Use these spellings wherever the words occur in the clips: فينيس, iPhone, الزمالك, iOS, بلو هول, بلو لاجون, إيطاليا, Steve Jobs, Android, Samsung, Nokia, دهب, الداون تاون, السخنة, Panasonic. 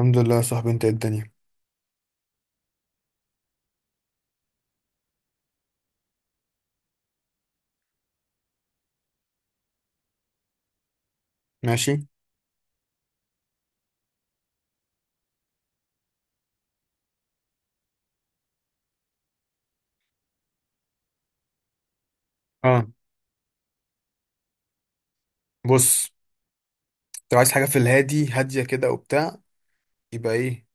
الحمد لله يا صاحبي، انت ايه الدنيا؟ ماشي. اه، بص، لو عايز حاجه في الهادي هاديه كده وبتاع، يبقى ايه،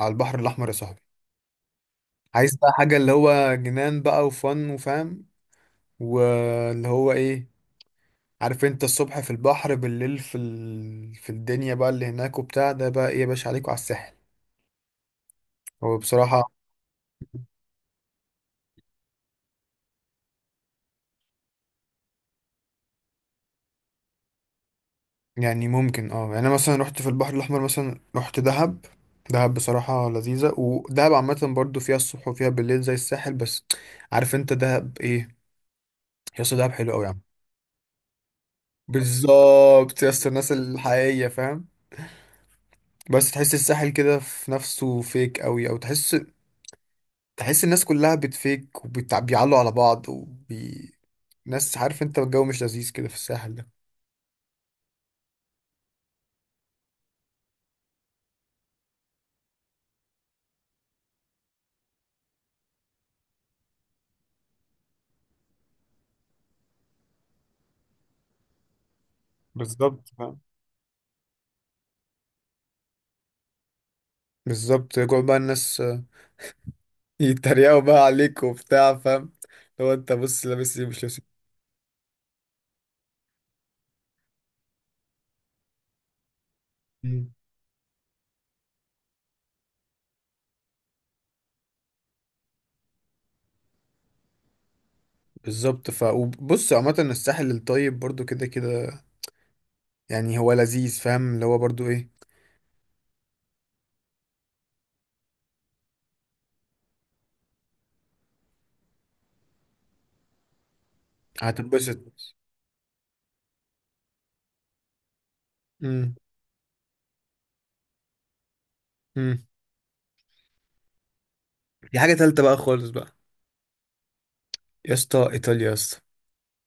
على البحر الاحمر يا صاحبي. عايز بقى حاجه اللي هو جنان بقى وفن وفاهم، واللي هو ايه، عارف انت الصبح في البحر بالليل في الدنيا بقى اللي هناك وبتاع ده، بقى ايه يا باشا عليك وعلى الساحل. هو بصراحه يعني ممكن، اه يعني انا مثلا رحت في البحر الاحمر، مثلا رحت دهب. دهب بصراحه لذيذه، ودهب عامه برضو فيها الصبح وفيها بالليل زي الساحل، بس عارف انت دهب ايه. يا اسطى دهب حلو قوي يا عم. بالظبط يا اسطى، الناس الحقيقيه فاهم. بس تحس الساحل كده في نفسه فيك قوي، او تحس تحس الناس كلها بتفيك وبيعلوا على بعض وبي ناس، عارف انت الجو مش لذيذ كده في الساحل ده. بالظبط فاهم. بالظبط، يقعد بقى الناس آه، يتريقوا بقى عليك وبتاع فاهم، لو انت بص لابس ايه مش لابس إيه. مم. بالظبط. ف وبص، عامة الساحل الطيب برضو كده كده، يعني هو لذيذ فاهم اللي هو برضو ايه. هتنبسط. امم. دي حاجة تالتة بقى خالص بقى، يا اسطى إيطاليا يا اسطى،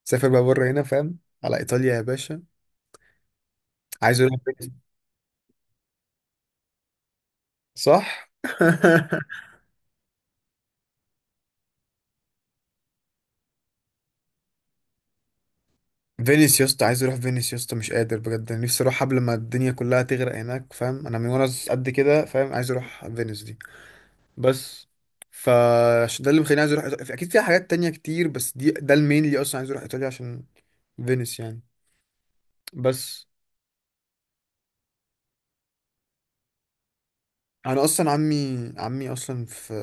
سافر بقى بره هنا فاهم، على إيطاليا يا باشا. عايز أروح فينيس. صح. فينيس يا اسطى، عايز أروح فينيس يا اسطى، مش قادر بجد، أنا نفسي أروح قبل ما الدنيا كلها تغرق هناك فاهم، أنا من وأنا قد كده فاهم عايز أروح فينيس دي. بس ف عشان ده اللي مخليني عايز أروح إيطاليا، أكيد فيها حاجات تانية كتير، بس دي ده المين اللي أصلا عايز أروح إيطاليا عشان فينيس يعني. بس انا اصلا عمي اصلا في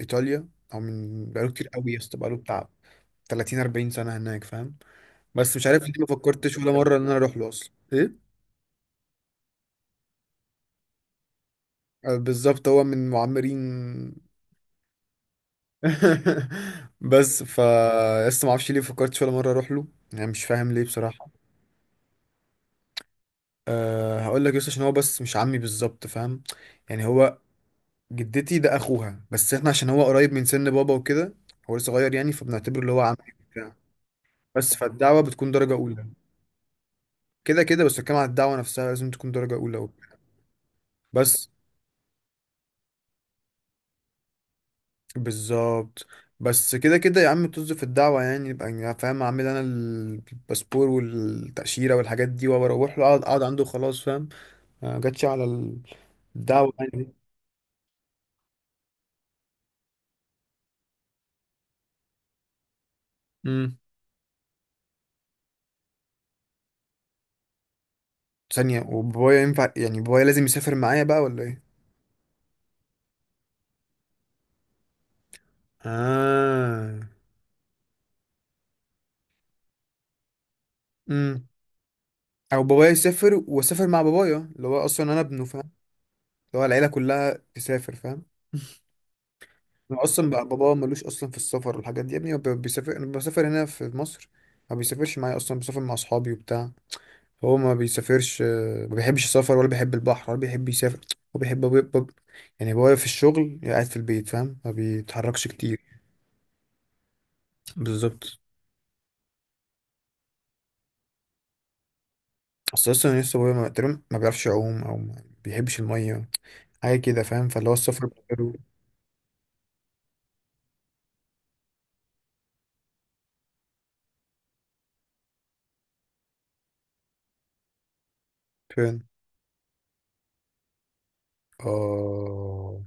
ايطاليا، او من بقاله كتير قوي يا اسطى، بقاله بتاع 30 40 سنة هناك فاهم. بس مش عارف ليه ما فكرتش ولا مرة ان انا اروح له اصلا ايه. آه، بالظبط، هو من معمرين. بس ف لسه ما اعرفش ليه فكرتش ولا مرة اروح له، يعني مش فاهم ليه بصراحة. أه هقول لك يس، عشان هو بس مش عمي بالظبط فاهم، يعني هو جدتي ده اخوها، بس احنا عشان هو قريب من سن بابا وكده، هو لسه صغير يعني، فبنعتبره اللي هو عمي وبتاع. بس فالدعوة بتكون درجة أولى. كده كده، بس بتكلم على الدعوة نفسها، لازم تكون درجة أولى وبتاع. بس. بالظبط. بس كده كده يا عم، طز في الدعوة يعني، يبقى أنا فاهم اعمل انا الباسبور والتأشيرة والحاجات دي واروح له، اقعد عنده خلاص فاهم. ما جاتش على الدعوة يعني دي. امم. ثانية، وبابايا ينفع يعني، بابايا لازم يسافر معايا بقى ولا ايه؟ اه. امم. او بابايا يسافر واسافر مع بابايا اللي هو اصلا انا ابنه فاهم، اللي هو العيلة كلها تسافر فاهم. هو اصلا بقى بابا ملوش اصلا في السفر والحاجات دي يا ابني، هو بيسافر، انا بسافر هنا في مصر، ما بيسافرش معايا اصلا، بسافر مع اصحابي وبتاع. هو ما بيسافرش آه، ما بيحبش السفر، ولا بيحب البحر، ولا بيحب يسافر. هو بيحب، يعني هو واقف في الشغل، قاعد في البيت فاهم، ما بيتحركش كتير. بالظبط. بس اصلا لسه هو ما تقريبا ما بيعرفش يعوم، او ما بيحبش الميه، حاجه كده فاهم، فاللي هو السفر بتاعه. فين. اه.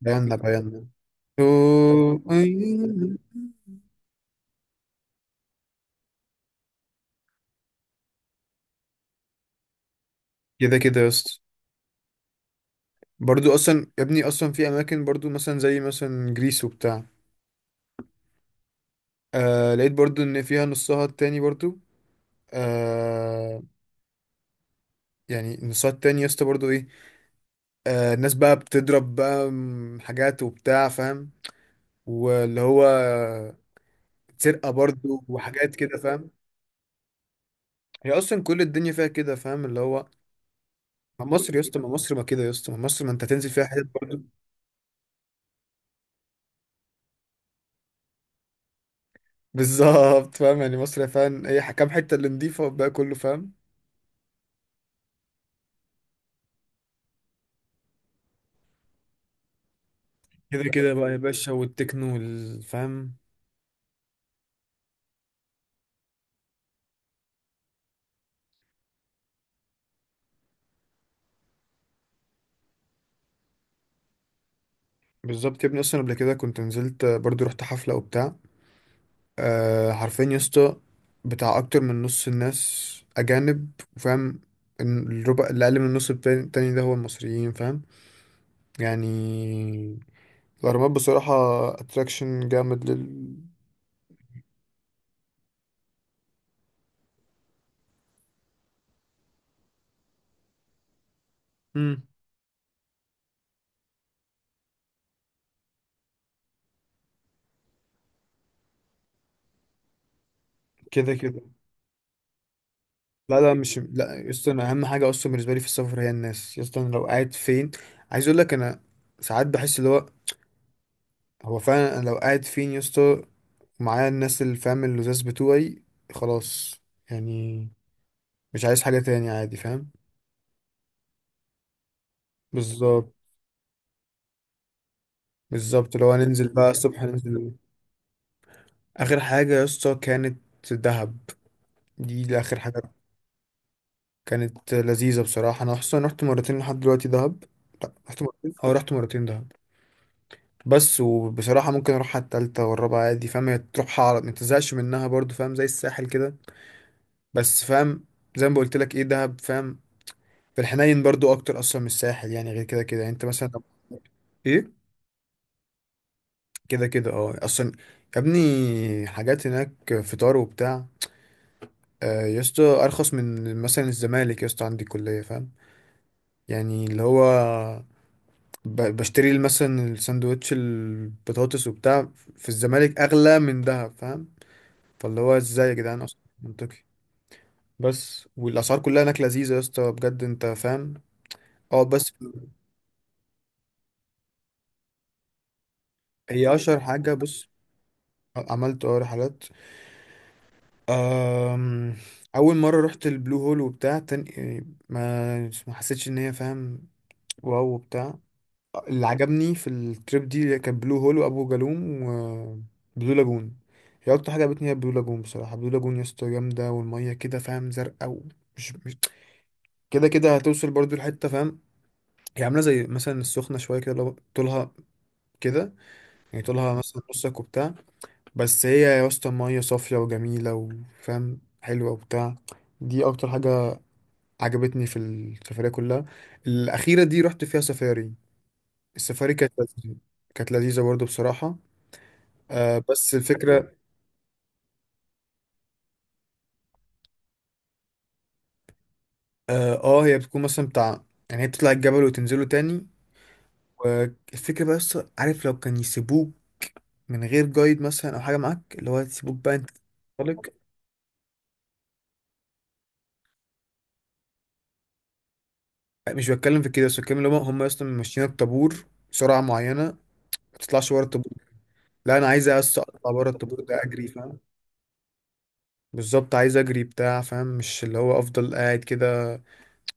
بينا بينا. أوه، أيوه. كده كده يا اسطى. برضو اصلا يا ابني، اصلا في اماكن برضو، مثلا زي مثلا جريس وبتاع، آه لقيت برضو ان فيها نصها التاني برضو، آه، يعني نصات تاني يا اسطى برضه ايه، آه الناس بقى بتضرب بقى حاجات وبتاع فاهم. واللي هو سرقة برضه وحاجات كده فاهم. هي اصلا كل الدنيا فيها كده فاهم اللي هو، ما مصر يا اسطى، ما مصر ما كده يا اسطى، ما مصر ما انت هتنزل فيها حتت برضه. بالظبط فاهم، يعني مصر فاهم هي حكام حتة اللي نضيفة والباقي كله فاهم. كده كده بقى يا باشا، والتكنو والفهم. بالظبط يا ابني، اصلا قبل كده كنت نزلت برضه رحت حفلة وبتاع، أه حرفيا يا اسطى بتاع اكتر من نص الناس اجانب، وفاهم إن الربع اللي اقل من النص التاني ده هو المصريين فاهم. يعني الاهرامات بصراحه اتراكشن جامد لل. مم. كده كده. لا لا مش لا يا اسطى، انا اهم حاجه اصلا بالنسبه لي في السفر هي الناس يا اسطى، انا لو قاعد فين، عايز اقول لك انا ساعات بحس اللي هو، هو فعلا انا لو قاعد فين يا اسطى معايا الناس اللي فاهم اللزاز بتوعي، خلاص، يعني مش عايز حاجه تاني عادي فاهم. بالظبط. بالظبط، لو هننزل بقى الصبح ننزل. اخر حاجه يا اسطى كانت دهب، دي اللي اخر حاجه. كانت لذيذه بصراحه، انا اصلا رحت مرتين لحد دلوقتي دهب. لا رحت مرتين، اه رحت مرتين دهب. بس وبصراحه ممكن اروح على التالتة والرابعه عادي فاهم، هي تروح على ما تزهقش منها برضو فاهم، زي الساحل كده، بس فاهم، زي ما قلت لك ايه دهب فاهم، في الحنين برضو اكتر اصلا من الساحل يعني، غير كده كده، يعني انت مثلا لو- ايه. كده كده اه اصلا، يا ابني حاجات هناك فطار وبتاع، آه، يا اسطى ارخص من مثلا الزمالك يا اسطى، عندي كليه فاهم، يعني اللي هو بشتري مثلا الساندوتش البطاطس وبتاع في الزمالك، اغلى من دهب فاهم، فاللي هو ازاي يا جدعان اصلا منطقي. بس والاسعار كلها هناك لذيذه يا اسطى بجد انت فاهم. اه بس هي اشهر حاجه، بص عملت اه رحلات، أم، اول مره رحت البلو هول وبتاع، تاني ما ما حسيتش ان هي فاهم واو وبتاع. اللي عجبني في التريب دي كان بلو هول وابو جالوم وبلو لاجون. هي اكتر حاجه عجبتني هي بلو لاجون بصراحه، بلو لاجون يا اسطى جامده، والميه كده فاهم زرقاء، ومش مش كده كده، هتوصل برضو لحته فاهم، هي عامله زي مثلا السخنه شويه كده، لو طولها كده، يعني طولها مثلا نصك وبتاع، بس هي يا اسطى ميه صافيه وجميله وفاهم حلوه وبتاع. دي اكتر حاجه عجبتني في السفريه كلها. الاخيره دي رحت فيها سفاري، السفاري كانت لذيذة. كانت لذيذه برضو بصراحه. آه بس الفكرة، اه آه، هي بتكون مثلا بتاع يعني، هي بتطلع الجبل وتنزله تاني، والفكرة بقى بس عارف لو كان يسيبوك من غير جايد، مثلا أو حاجة معاك اللي هو يسيبوك بقى أنت طالق. مش بتكلم في كده، بس بتكلم اللي هم أصلا ماشيين الطابور سرعة معينة، ما تطلعش بره الطابور. لا أنا عايز بس أطلع بره الطابور ده أجري فاهم. بالظبط عايز أجري بتاع فاهم، مش اللي هو أفضل قاعد كده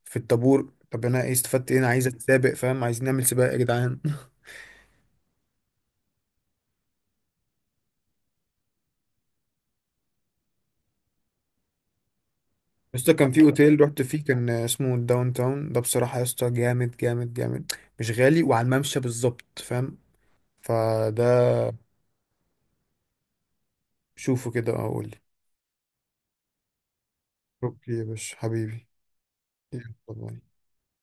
في الطابور، طب أنا إيه استفدت إيه، أنا عايز أتسابق فاهم، عايزين نعمل سباق يا جدعان. يا اسطى كان في اوتيل رحت فيه كان اسمه الداون تاون ده، بصراحة يا اسطى جامد جامد جامد، مش غالي، وعلى الممشى بالظبط فاهم، فده شوفه كده اقول لي. اوكي يا باشا حبيبي. يلا باي.